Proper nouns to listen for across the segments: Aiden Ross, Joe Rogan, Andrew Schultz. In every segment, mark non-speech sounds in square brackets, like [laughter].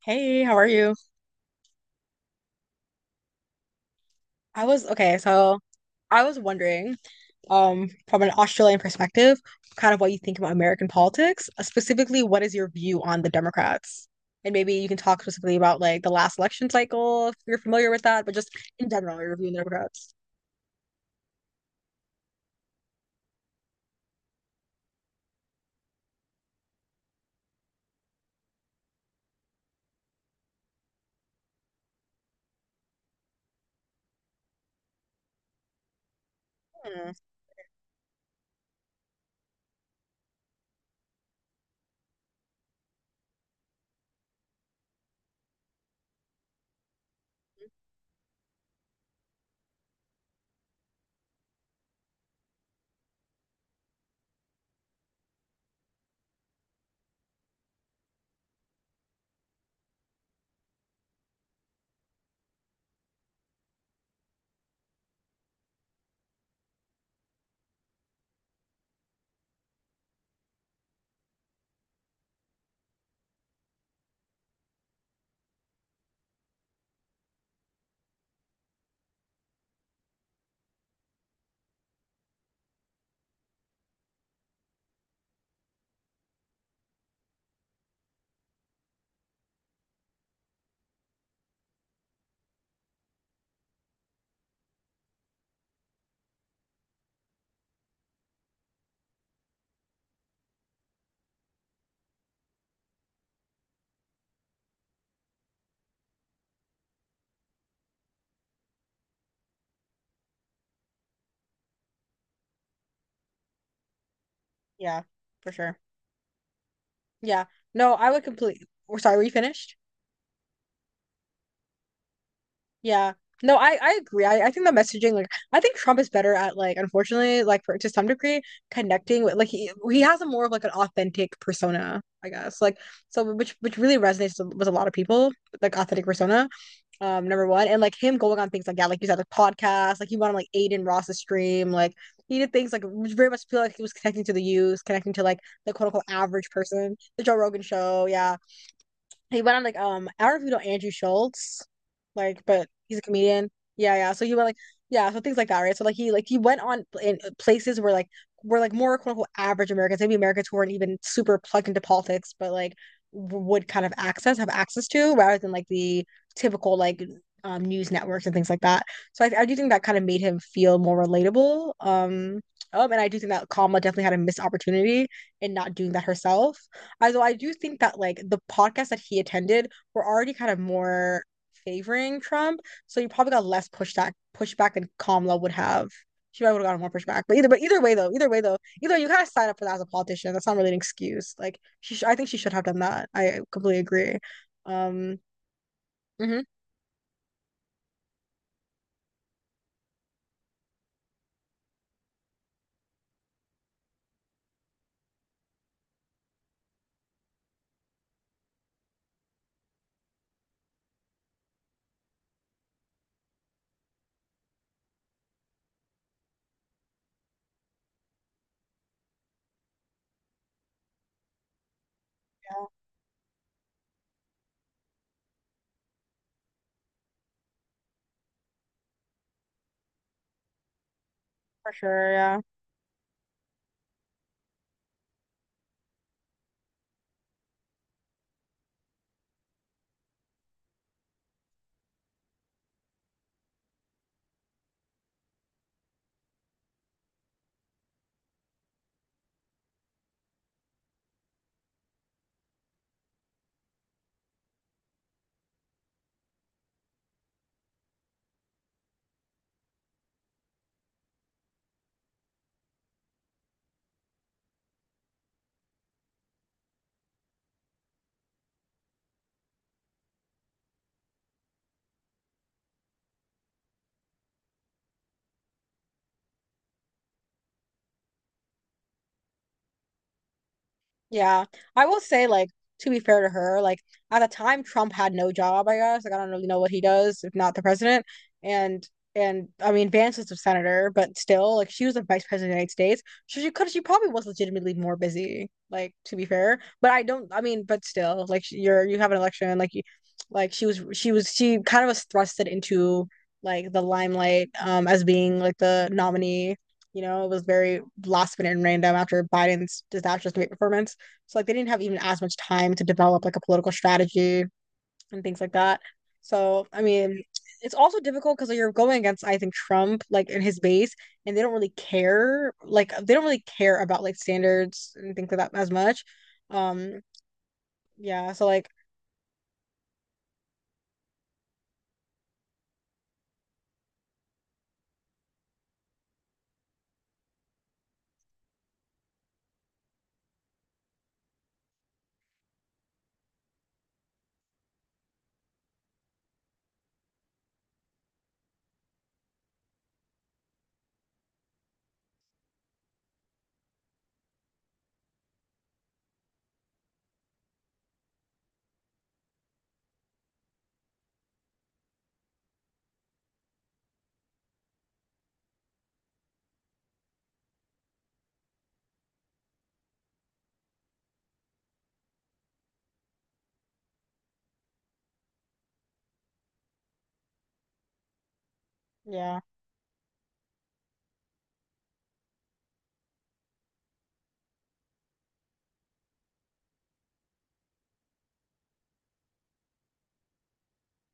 Hey, how are you? I was okay, so I was wondering, from an Australian perspective, kind of what you think about American politics. Specifically, what is your view on the Democrats? And maybe you can talk specifically about like the last election cycle, if you're familiar with that, but just in general, your view on the Democrats. Hmm, yeah, for sure. Yeah. No, I would completely. We're sorry, were you finished? Yeah. No, I agree. I think the messaging, like, I think Trump is better at, like, unfortunately, like, for, to some degree, connecting with, like, he has a more of, like, an authentic persona, I guess. Like, so, which really resonates with a lot of people, like, authentic persona, number one. And, like, him going on things like, yeah, like you said, the podcast like, he went on, like, Aiden Ross's stream, like, he did things, like, which very much feel like he was connecting to the youth, connecting to, like, the quote unquote average person, the Joe Rogan show, yeah. He went on like I don't know if you know Andrew Schultz, like but he's a comedian. Yeah, yeah. So he went like yeah, so things like that, right? So like he went on in places where like were like more quote unquote average Americans, maybe Americans who weren't even super plugged into politics, but like would kind of access have access to rather than like the typical like news networks and things like that. So I do think that kind of made him feel more relatable. And I do think that Kamala definitely had a missed opportunity in not doing that herself, although I do think that like the podcasts that he attended were already kind of more favoring Trump, so he probably got less pushback than Kamala would have. She probably would have gotten more pushback. But either way though, either way though, either way, you kind of sign up for that as a politician. That's not really an excuse. Like I think she should have done that. I completely agree. Um, mhm, for sure, yeah. Yeah, I will say, like, to be fair to her, like, at the time, Trump had no job, I guess. Like, I don't really know what he does, if not the president. And, and I mean, Vance was the senator, but still, like, she was the vice president of the United States. So she probably was legitimately more busy, like, to be fair. But I don't, I mean, but still, like, you're, you have an election, like, you, like, she kind of was thrusted into, like, the limelight, as being, like, the nominee. You know, it was very last minute and random after Biden's disastrous debate performance. So like they didn't have even as much time to develop like a political strategy and things like that. So I mean, it's also difficult because you're going against I think Trump like in his base, and they don't really care about like standards and things like that as much. Um, yeah. So like yeah,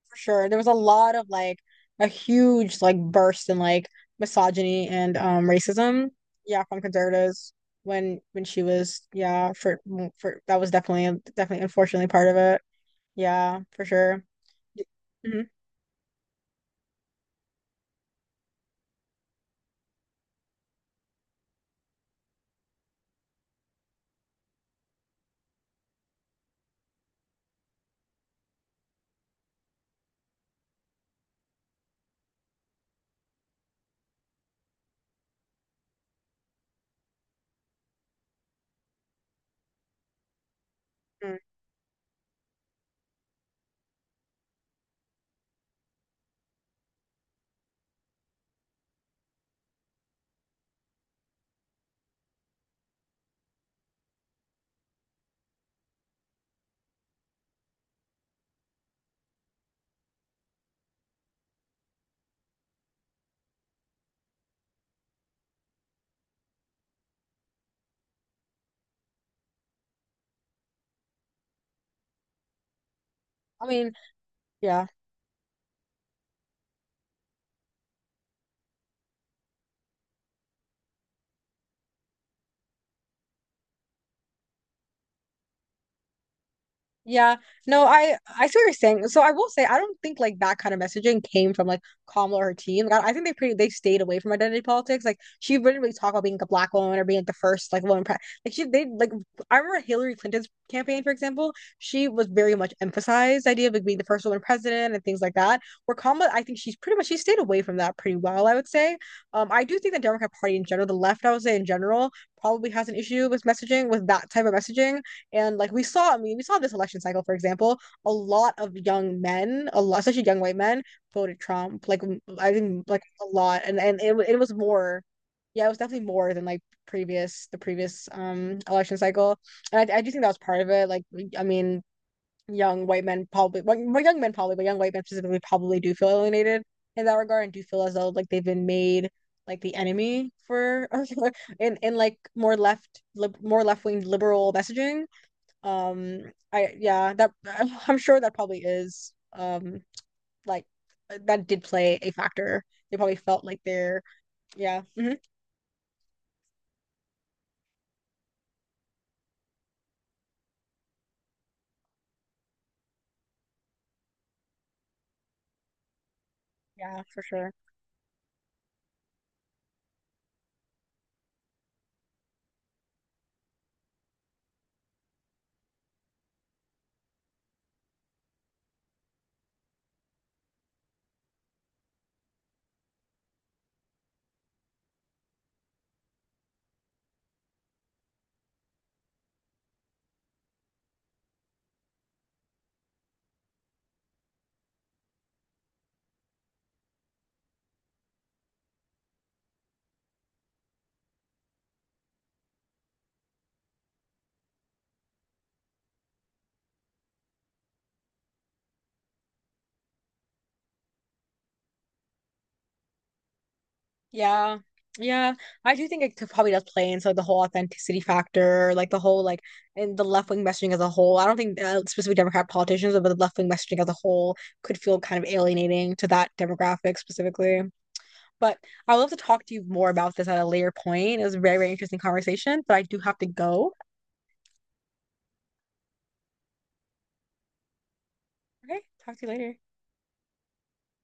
for sure. There was a lot of like a huge like burst in like misogyny and racism. Yeah, from conservatives when she was yeah for that was definitely unfortunately part of it. Yeah, for sure. Hmm. I mean, yeah. Yeah, no, I see what you're saying. So I will say I don't think like that kind of messaging came from like Kamala or her team. Like, I think they stayed away from identity politics. Like she wouldn't really talk about being like, a black woman or being like the first like woman pre like she they like I remember Hillary Clinton's campaign, for example. She was very much emphasized the idea of like being the first woman president and things like that. Where Kamala, I think she's pretty much she stayed away from that pretty well, I would say. I do think the Democrat Party in general, the left, I would say in general, probably has an issue with messaging, with that type of messaging, and like we saw, I mean, we saw this election cycle, for example, a lot of young men, a lot, especially young white men, voted Trump. Like I think like a lot, and it was more, yeah, it was definitely more than like previous the previous election cycle. And I do think that was part of it. Like I mean, young white men probably, well, more young men probably, but young white men specifically probably do feel alienated in that regard and do feel as though like they've been made like the enemy for [laughs] in like more left-wing liberal messaging, um, I yeah, that [laughs] I'm sure that probably is like that did play a factor. They probably felt like they're yeah, mhm, yeah, for sure. Yeah. Yeah, I do think it could- probably does play into the whole authenticity factor, like the whole like and the left wing messaging as a whole. I don't think specifically Democrat politicians, but the left wing messaging as a whole could feel kind of alienating to that demographic specifically. But I would love to talk to you more about this at a later point. It was a very, very interesting conversation, but I do have to go. Okay, talk to you later.